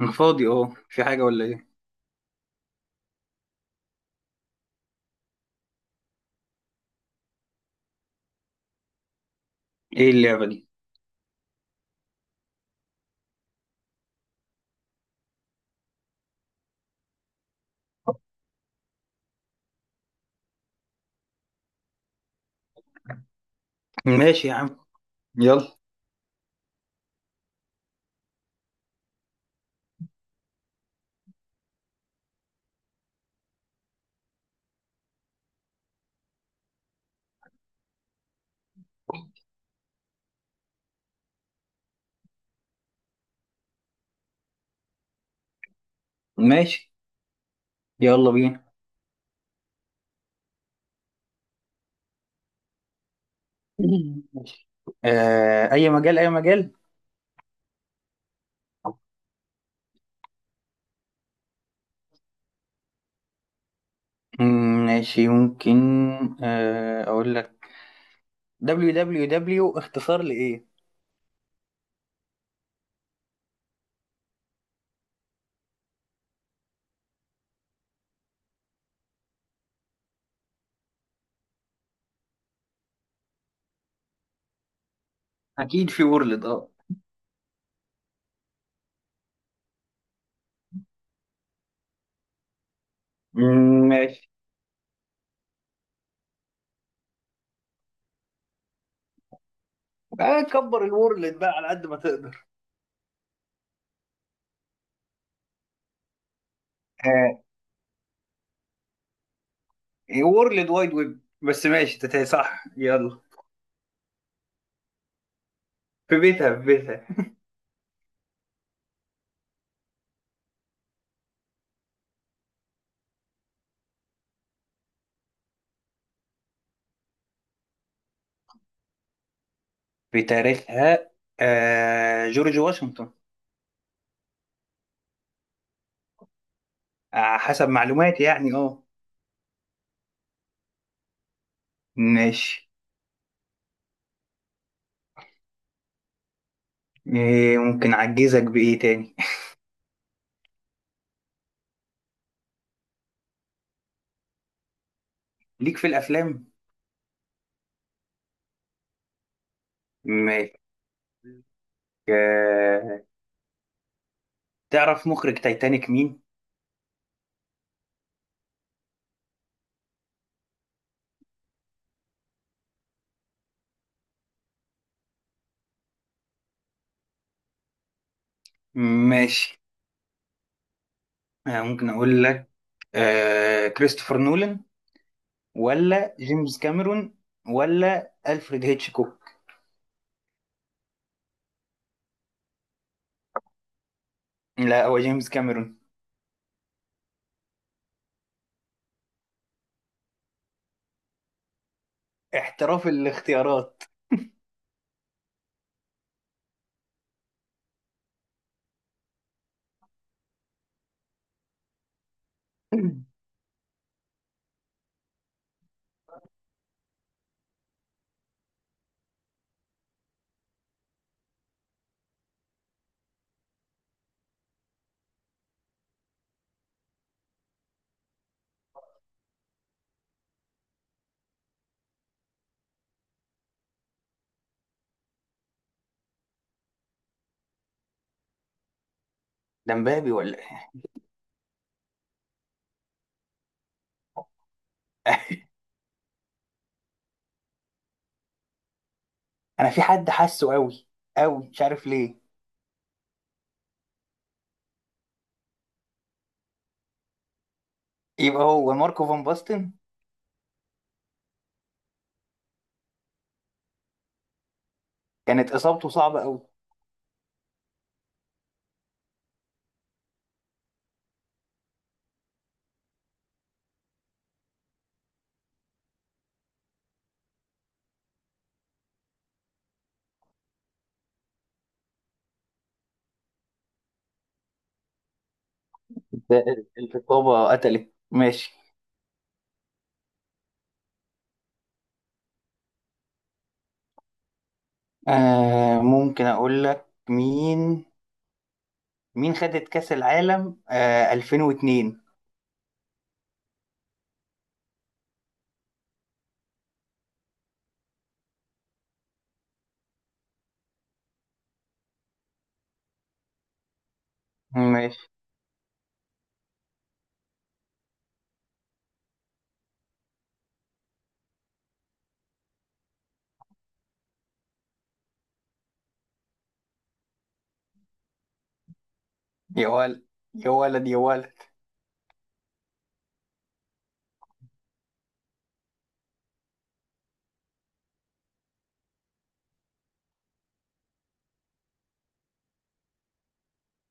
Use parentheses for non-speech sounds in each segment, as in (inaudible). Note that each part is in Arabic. انا فاضي اهو في حاجة ولا ايه؟ ايه اللعبة دي؟ ماشي يا عم. يلا. ماشي. يلا بينا. (clears throat) (laughs) ماشي. اي مجال اي مجال. ماشي، ممكن. اقول لك، www اختصار لايه؟ اكيد في وورلد اه. ماشي. كبر الوورلد بقى على قد ما تقدر. آه وورلد وايد ويب، بس ماشي تتهي صح؟ يلا. في بيتها في بيتها. (laughs) في تاريخها. جورج واشنطن. حسب معلوماتي يعني، اه. ماشي. إيه، ممكن اعجزك بايه تاني؟ (laughs) ليك في الافلام. ماشي. آه، تعرف مخرج تايتانيك مين؟ ماشي. ممكن اقول لك. كريستوفر نولان، ولا جيمس كاميرون، ولا الفريد هيتشكوك. لا، هو جيمس كاميرون. احتراف الاختيارات. (clears throat) (laughs) ده مبابي ولا إيه؟ (laughs) انا في حد حاسه قوي قوي، مش عارف ليه. يبقى هو ماركو فان باستن. كانت اصابته صعبه قوي. ده الرقابة قتلت، ماشي. ممكن أقول لك مين. مين خدت كأس العالم 2002؟ ماشي. يا ولد، يا ولد، يا ولد.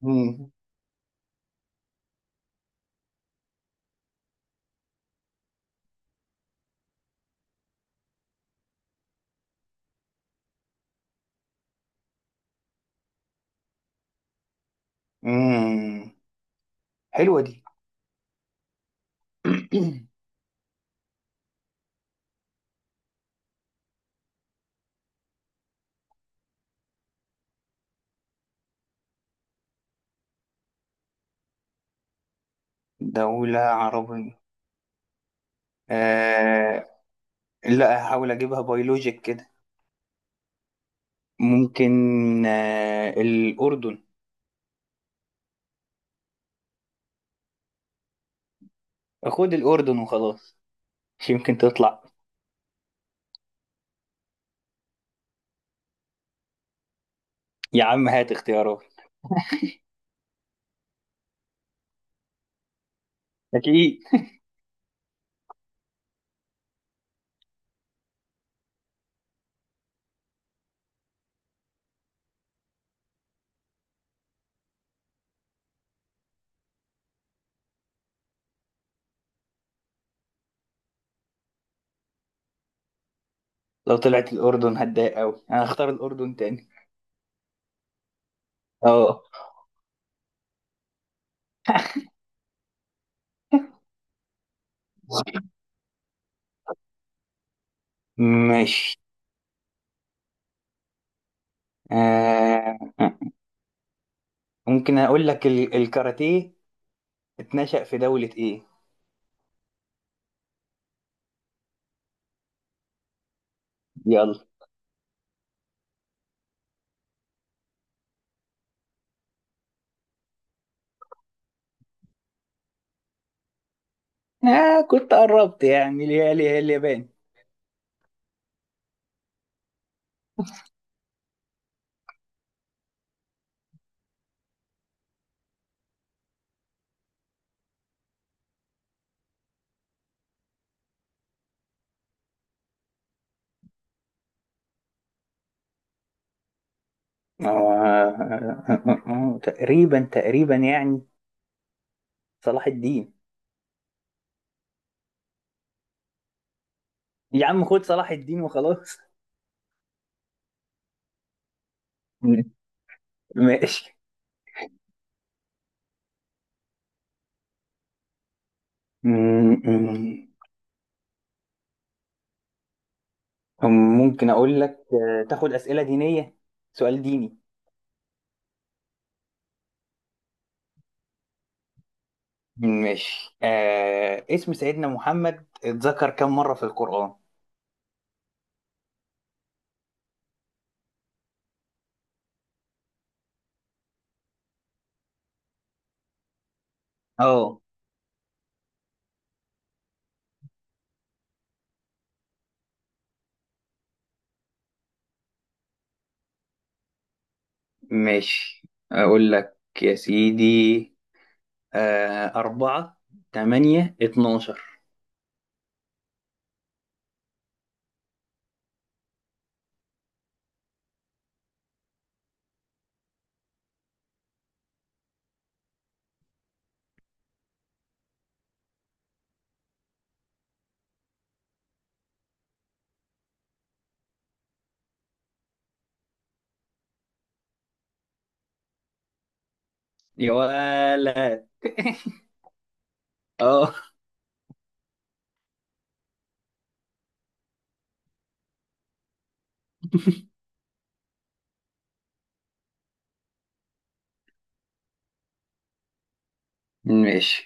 مم. مم. حلوة دي. (clears throat) دولة عربية. آه لا، هحاول أجيبها بيولوجيك كده. ممكن. الأردن. خد الأردن وخلاص. مش يمكن تطلع؟ يا عم هات اختيارات. أكيد لو طلعت الأردن هتضايق أوي، أنا هختار الأردن تاني. أه. (laughs) ماشي. آه. ممكن أقول لك، ال- الكاراتيه اتنشأ في دولة إيه؟ يلا. كنت قربت يعني، اللي هي اليابان. آه. (laughs) تقريبا تقريبا يعني صلاح الدين. يا عم خد صلاح الدين وخلاص. (laughs) م- ماشي. م- م- ممكن أقول لك، تاخد أسئلة دينية؟ سؤال ديني. ماشي، اسم سيدنا محمد اتذكر كم مرة في القرآن؟ اه ماشي. اقول لك يا سيدي، أربعة، تمانية، 12. يا ولد. (laughs) اه. ماشي.